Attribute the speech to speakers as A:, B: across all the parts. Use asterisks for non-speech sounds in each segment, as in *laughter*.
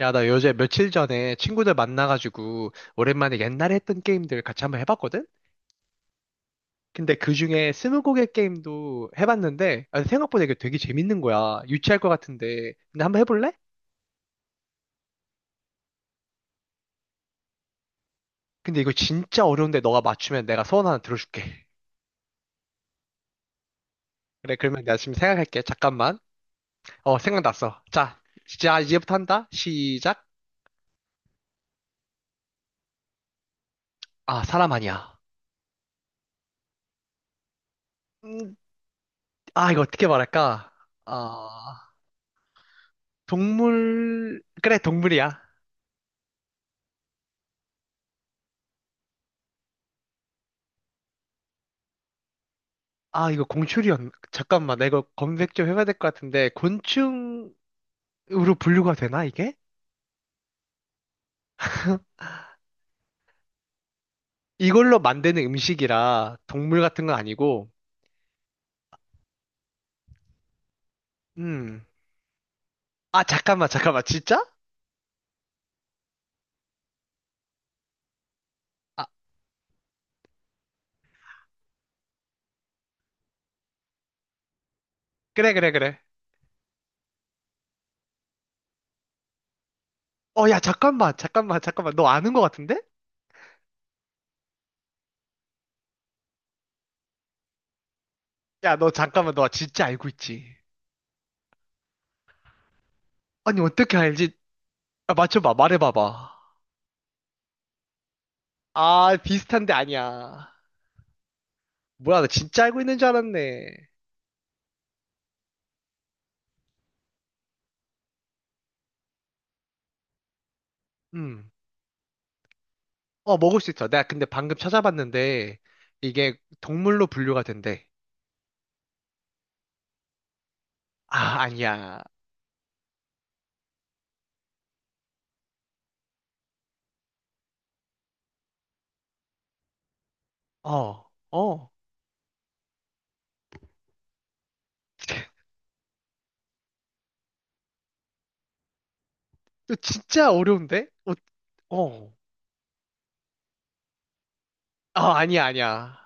A: 야, 나 요새 며칠 전에 친구들 만나가지고 오랜만에 옛날에 했던 게임들 같이 한번 해봤거든? 근데 그 중에 스무고개 게임도 해봤는데 아, 생각보다 이게 되게 재밌는 거야. 유치할 것 같은데. 근데 한번 해볼래? 근데 이거 진짜 어려운데 너가 맞추면 내가 소원 하나 들어줄게. 그래, 그러면 내가 지금 생각할게. 잠깐만. 어, 생각났어. 자, 진짜 이제부터 한다. 시작. 아, 사람 아니야. 음, 아, 이거 어떻게 말할까? 아, 동물, 그래, 동물이야. 아, 이거 잠깐만, 나 이거 검색 좀 해봐야 될 것 같은데, 곤충으로 분류가 되나, 이게? 이걸로 만드는 음식이라 동물 같은 건 아니고, 음. 아, 잠깐만, 잠깐만, 진짜? 아, 그래, 그래, 그래. 어, 야, 잠깐만, 잠깐만, 잠깐만, 너 아는 것 같은데? 야, 너 잠깐만, 너 진짜 알고 있지? 아니, 어떻게 알지? 아, 맞춰봐, 말해봐봐. 아, 비슷한데 아니야. 뭐야, 나 진짜 알고 있는 줄 알았네. 음. 어, 먹을 수 있어. 내가 근데 방금 찾아봤는데, 이게 동물로 분류가 된대. 아, 아니야. 어, 어. 너 진짜 어려운데? 어, 어. 아, 아니야, 아니야.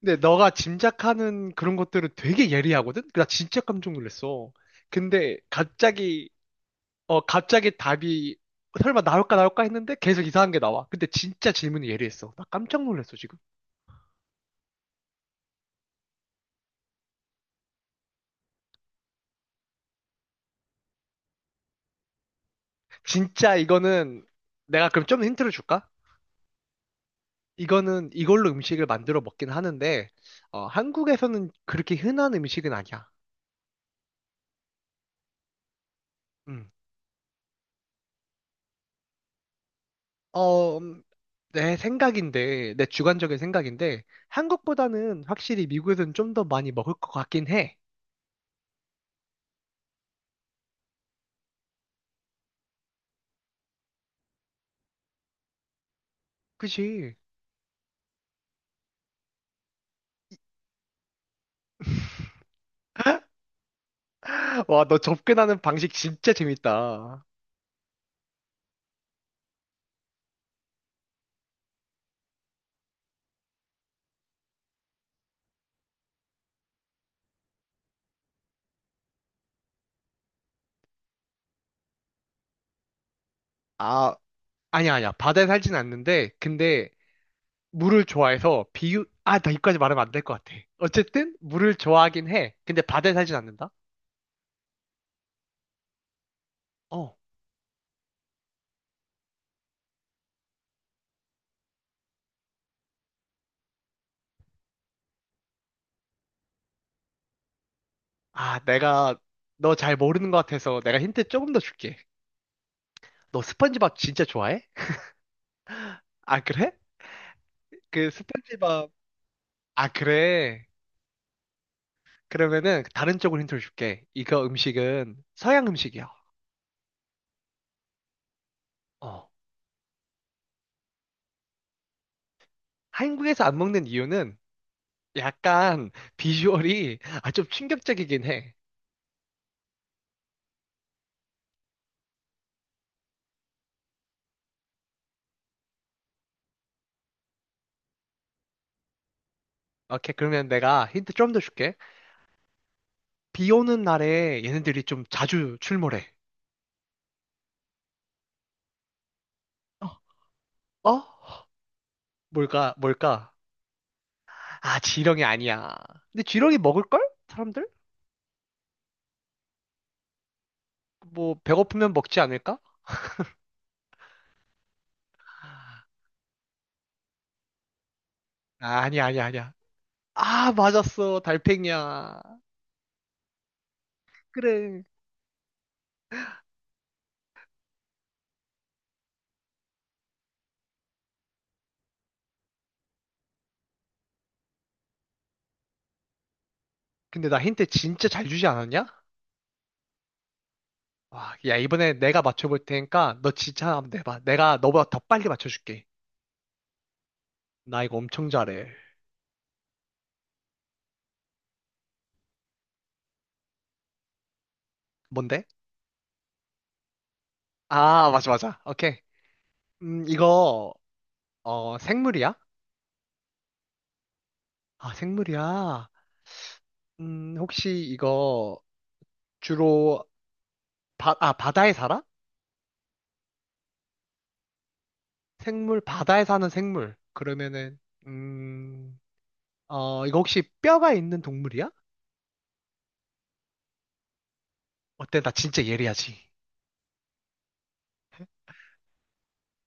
A: 근데 너가 짐작하는 그런 것들은 되게 예리하거든? 나 진짜 깜짝 놀랐어. 근데 갑자기, 갑자기 답이 설마 나올까 나올까 했는데 계속 이상한 게 나와. 근데 진짜 질문이 예리했어. 나 깜짝 놀랐어, 지금. 진짜 이거는 내가 그럼 좀 힌트를 줄까? 이거는 이걸로 음식을 만들어 먹긴 하는데 어, 한국에서는 그렇게 흔한 음식은 아니야. 음. 어, 음, 내 주관적인 생각인데 한국보다는 확실히 미국에서는 좀 더 많이 먹을 것 같긴 해. 그치? *laughs* 와, 너 접근하는 방식 진짜 재밌다. 아, 아니야, 아니야. 바다에 살진 않는데, 근데 물을 좋아해서 아, 나 이까지 말하면 안 될 것 같아. 어쨌든 물을 좋아하긴 해. 근데 바다에 살진 않는다? 어. 아, 내가 너 잘 모르는 것 같아서 내가 힌트 조금 더 줄게. 너 스펀지밥 진짜 좋아해? 아, 그래? 그 스펀지밥. 아, 그래. 그러면은 다른 쪽으로 힌트를 줄게. 이거 음식은 서양 음식이야. 어. 한국에서 안 먹는 이유는 약간 비주얼이 아, 좀 충격적이긴 해. 오케이, 그러면 내가 힌트 좀 더 줄게. 비 오는 날에 얘네들이 좀 자주 출몰해. 어? 어? 뭘까? 뭘까? 아, 지렁이 아니야. 근데 지렁이 먹을걸? 사람들? 뭐 배고프면 먹지 않을까? 아니 아니 아니야. 아니야. 아 맞았어 달팽이야. 그래. 근데 나 힌트 진짜 잘 주지 않았냐? 와, 야 이번에 내가 맞춰볼 테니까 너 진짜 한번 내봐. 내가 너보다 더 빨리 맞춰줄게. 나 이거 엄청 잘해. 뭔데? 아 맞아 맞아. 오케이. 이거 어 생물이야? 아 생물이야. 혹시 이거 주로 아 바다에 살아? 생물 바다에 사는 생물. 그러면은 음.. 어, 이거 혹시 뼈가 있는 동물이야? 어때? 나 진짜 예리하지.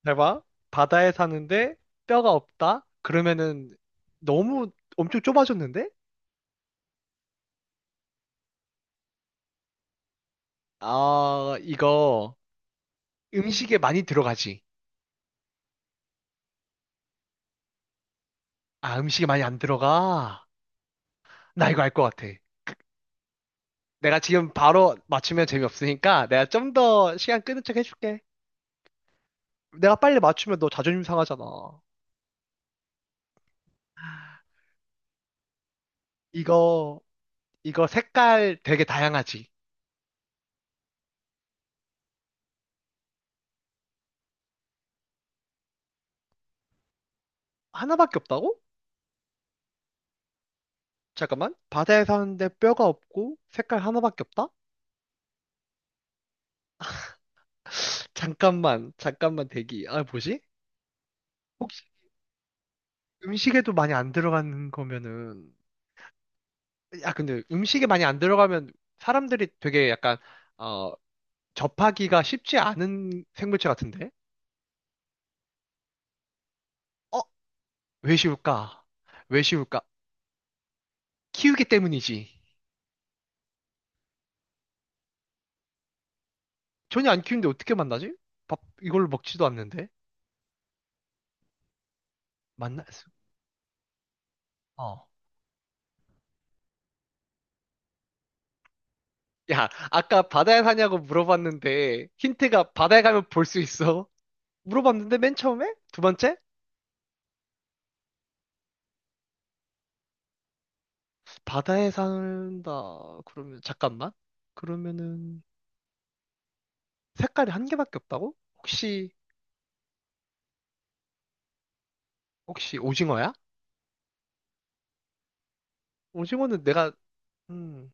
A: 잘 봐. 바다에 사는데 뼈가 없다? 그러면은 너무 엄청 좁아졌는데? 아, 이거 음식에 많이 들어가지. 아, 음식에 많이 안 들어가. 나 이거 알 것 같아. 내가 지금 바로 맞추면 재미없으니까 내가 좀 더 시간 끄는 척 해줄게. 내가 빨리 맞추면 너 자존심 상하잖아. 이거, 이거 색깔 되게 다양하지. 하나밖에 없다고? 잠깐만. 바다에 사는데 뼈가 없고 색깔 하나밖에 없다? 잠깐만, 잠깐만 대기. 아, 뭐지? 혹시 음식에도 많이 안 들어가는 거면은, 야, 근데 음식에 많이 안 들어가면 사람들이 되게 약간, 어, 접하기가 쉽지 않은 생물체 같은데? 어? 왜 쉬울까? 왜 쉬울까? 키우기 때문이지. 전혀 안 키우는데 어떻게 만나지? 밥, 이걸 로 먹지도 않는데? 만날 수, 어. 야, 아까 바다에 사냐고 물어봤는데, 힌트가 바다에 가면 볼 수 있어. 물어봤는데 맨 처음에 두 번째 바다에 산다 그러면 잠깐만 그러면은 색깔이 한 개밖에 없다고? 혹시 오징어야? 오징어는 내가 음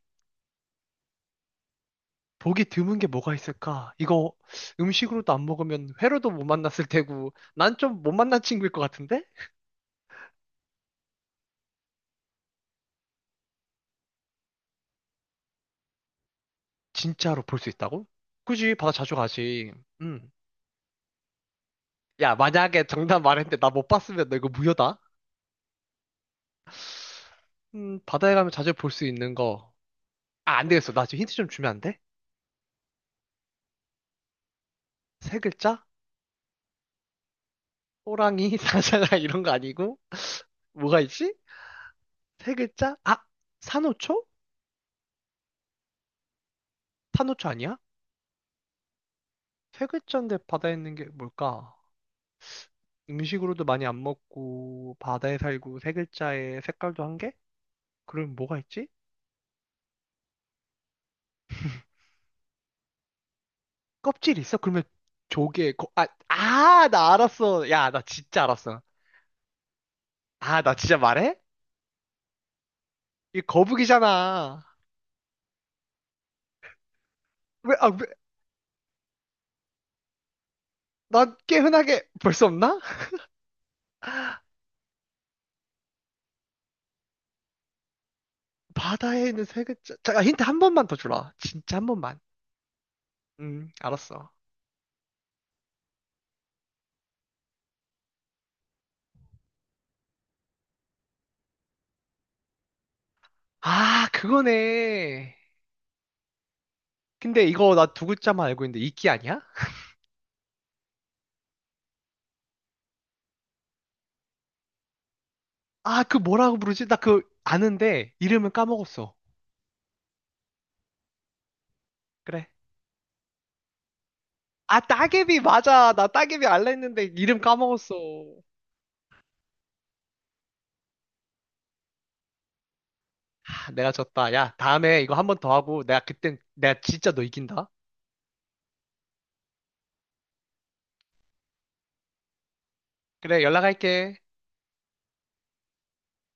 A: 보기 드문 게 뭐가 있을까? 이거 음식으로도 안 먹으면 회로도 못 만났을 테고 난 좀 못 만난 친구일 것 같은데 진짜로 볼 수 있다고? 굳이 바다 자주 가지. 음. 야, 만약에 정답 말했는데 나 못 봤으면 너 이거 무효다. 바다에 가면 자주 볼 수 있는 거. 아, 안 되겠어. 나 지금 힌트 좀 주면 안 돼? 세 글자? 호랑이, *laughs* 사자가 이런 거 아니고 뭐가 있지? 세 글자? 아, 산호초? 산호초 아니야? 세 글자인데 바다에 있는 게 뭘까? 음식으로도 많이 안 먹고 바다에 살고 세 글자에 색깔도 한 개? 그럼 뭐가 있지? 껍질 있어? 그러면 조개 거, 아, 아, 나 알았어. 야, 나 진짜 알았어. 아, 나 진짜 말해? 이 거북이잖아. 왜, 난 꽤 흔하게 볼 수 없나? 바다에 있는 세 글자. 자, 힌트 한 번만 더 주라. 진짜 한 번만. 알았어. 아, 그거네. 근데 이거 나 두 글자만 알고 있는데 이끼 아니야? 아, 그 뭐라고 부르지? 나 그 아는데 이름은 까먹었어. 그래. 아, 따개비 맞아. 나 따개비 알라 했는데 이름 까먹었어. 아, 내가 졌다. 야, 다음에 이거 한 번 더 하고 내가 그땐 내가 진짜 너 이긴다. 그래, 연락할게.